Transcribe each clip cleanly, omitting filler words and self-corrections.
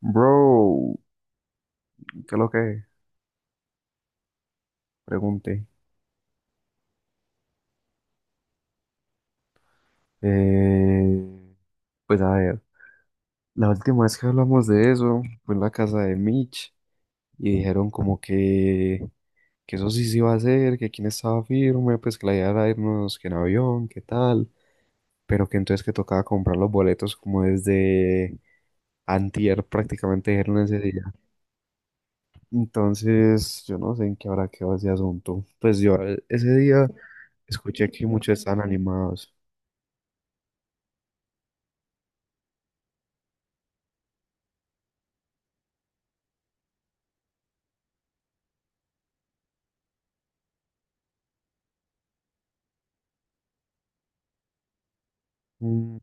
Bro, ¿qué es lo que es? Pregunté. Eh, pues a ver, la última vez que hablamos de eso fue en la casa de Mitch y dijeron como que eso sí se iba a hacer, que quién estaba firme, pues que la idea era irnos que en avión, qué tal, pero que entonces que tocaba comprar los boletos como desde antier prácticamente dijeron ese día. Entonces, yo no sé en qué habrá quedado ese asunto. Pues yo, ese día escuché que muchos estaban animados. Mm,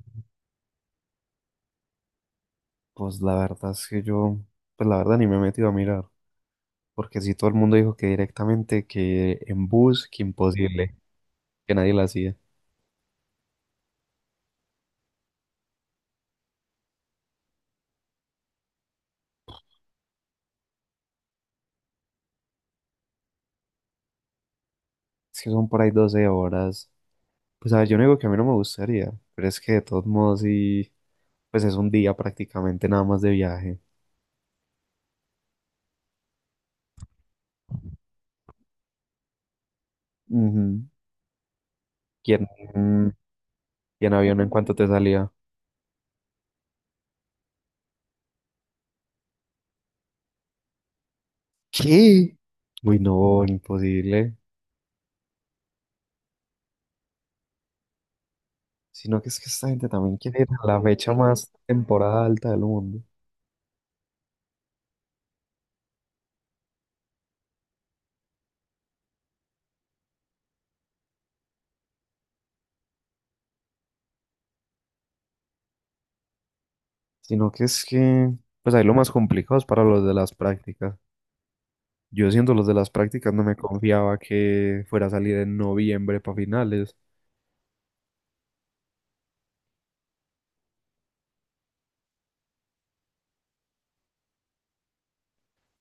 Pues la verdad es que yo, pues la verdad ni me he metido a mirar, porque si todo el mundo dijo que directamente, que en bus, que imposible, que nadie la hacía. Es que son por ahí 12 horas. Pues a ver, yo no digo que a mí no me gustaría, pero es que de todos modos sí, pues es un día prácticamente nada más de viaje. Ujú. ¿Y en, mm, ¿y en avión en cuánto te salía? ¿Qué? Uy, no, imposible. Sino que es que esta gente también quiere ir a la fecha más temporada alta del mundo. Sino que es que, pues ahí lo más complicado es para los de las prácticas. Yo siendo los de las prácticas no me confiaba que fuera a salir en noviembre para finales.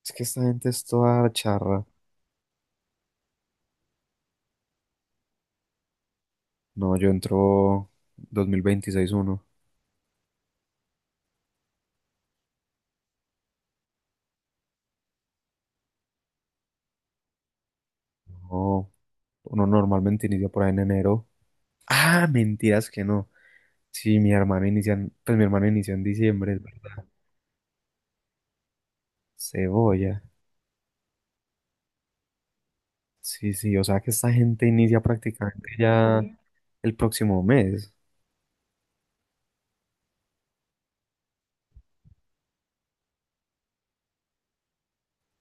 Es que esta gente es toda charra. No, yo entro 2026-1. No, uno normalmente inicia por ahí en enero. Ah, mentiras que no. Sí, mi hermano inicia, pues mi hermano inició en diciembre, es verdad. Cebolla. Sí, sí, o sea que esta gente inicia prácticamente ya el próximo mes.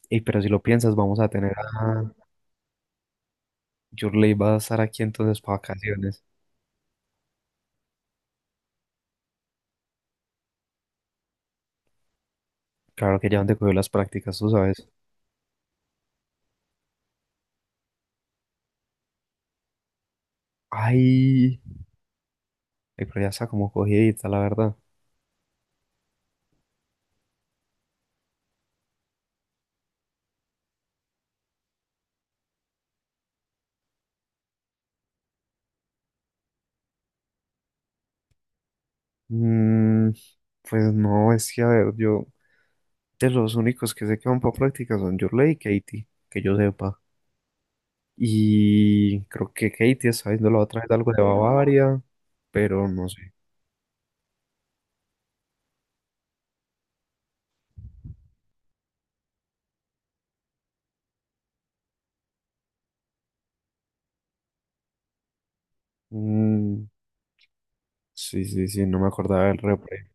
Y pero si lo piensas, vamos a tener a... Yurley va a estar aquí entonces para vacaciones. Claro que ya donde cogió las prácticas, tú sabes. Ay, ay, pero ya está como cogidita, la verdad. Mm, pues no, es que a ver, yo de los únicos que sé que van para prácticas son Yurley y Katie, que yo sepa. Y creo que Katie está viendo la otra vez algo de Bavaria, pero no sé. Mm, sí, sí, sí, no me acordaba del repre.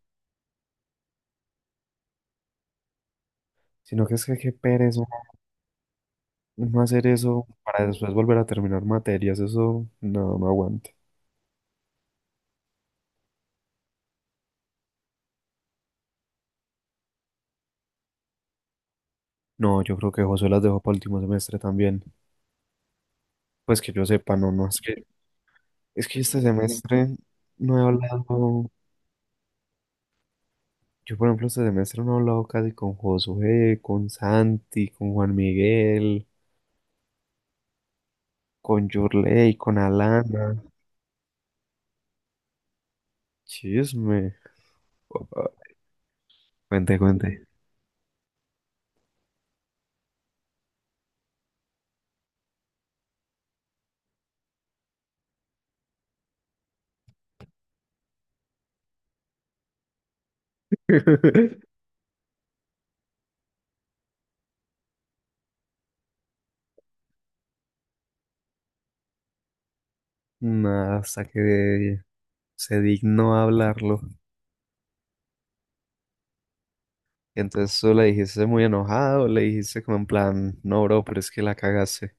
Sino que es que qué pereza no hacer eso para después volver a terminar materias, eso no, no aguanto. No, yo creo que José las dejó para último semestre también. Pues que yo sepa, no, no, es que este semestre no he hablado, yo por ejemplo este semestre no he hablado casi con Josué, con Santi, con Juan Miguel, con Yurley, con Alana. Chisme. Papá, cuente, cuente. Nada, hasta que se dignó a hablarlo. Entonces tú le dijiste muy enojado, le dijiste como en plan, no, bro, pero es que la cagaste.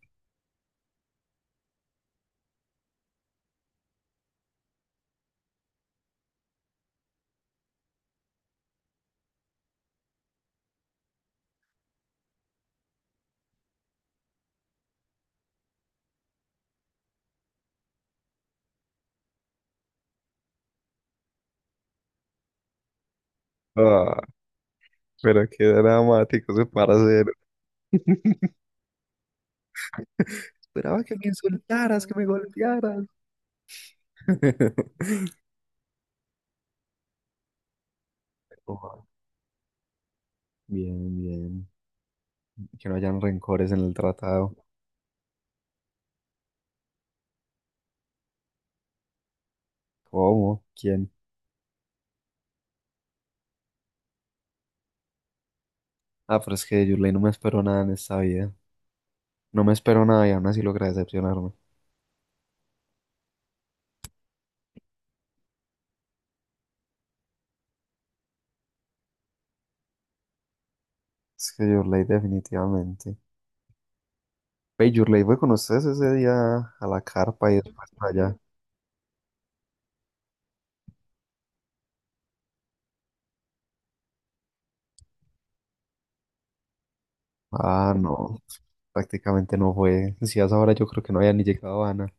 Ah, pero qué dramático ese hacer. Esperaba que me insultaras, que me golpearas. Oh, bien, bien. Que no hayan rencores en el tratado. ¿Cómo? ¿Quién? Ah, pero es que de Yurley no me esperó nada en esta vida. No me esperó nada y aún así logra decepcionarme. Es que Yurley definitivamente. Ve, Yurley fue con ustedes ese día a la carpa y después para allá. Ah, no, prácticamente no fue. Si a esa hora yo creo que no había ni llegado Ana,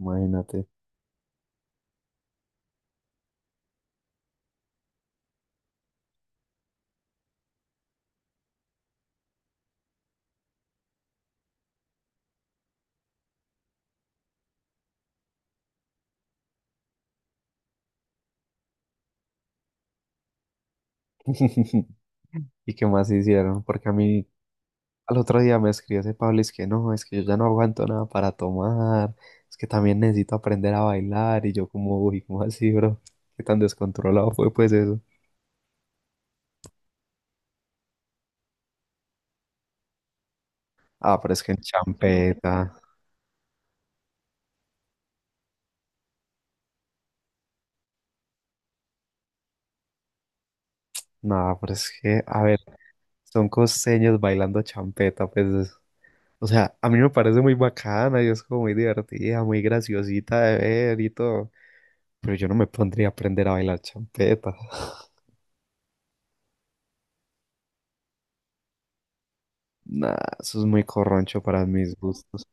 imagínate. ¿Y qué más hicieron? Porque a mí al otro día me escribió ese Pablo, es que no, es que yo ya no aguanto nada para tomar, es que también necesito aprender a bailar y yo como, uy, ¿cómo así, bro? ¿Qué tan descontrolado fue pues eso? Ah, pero es que en champeta, no, pero es que, a ver, son costeños bailando champeta, pues o sea, a mí me parece muy bacana y es como muy divertida, muy graciosita de ver y todo. Pero yo no me pondría a aprender a bailar champeta. Nah, eso es muy corroncho para mis gustos.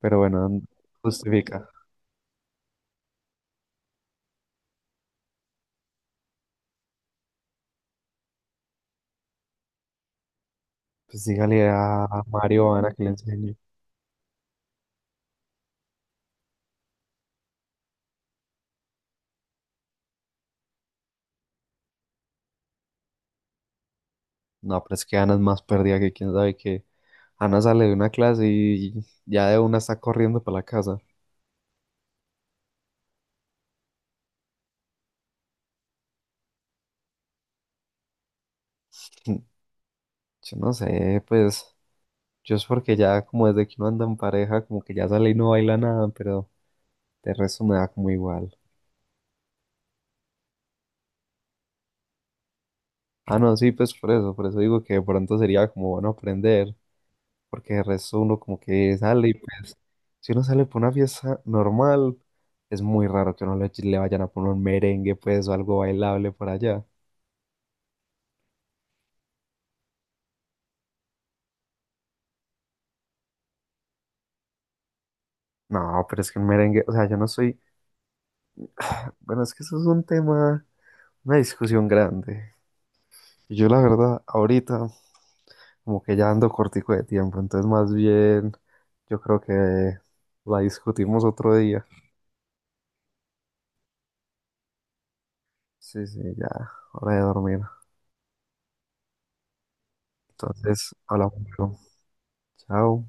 Pero bueno, justifica. Pues dígale a Mario o a Ana que le enseñe. No, pero es que Ana es más perdida que quién sabe qué, Ana sale de una clase y ya de una está corriendo para la casa. Yo no sé, pues yo es porque ya como desde que uno anda en pareja, como que ya sale y no baila nada, pero de resto me da como igual. Ah, no, sí, pues por eso digo que de pronto sería como bueno aprender, porque de resto uno como que sale y pues, si uno sale por una fiesta normal, es muy raro que uno le vayan a poner un merengue, pues, o algo bailable por allá. No, pero es que un merengue, o sea, yo no soy, bueno, es que eso es un tema, una discusión grande. Y yo la verdad, ahorita como que ya ando cortico de tiempo, entonces más bien yo creo que la discutimos otro día. Sí, sí, ya, hora de dormir. Entonces, hablamos luego. Chao.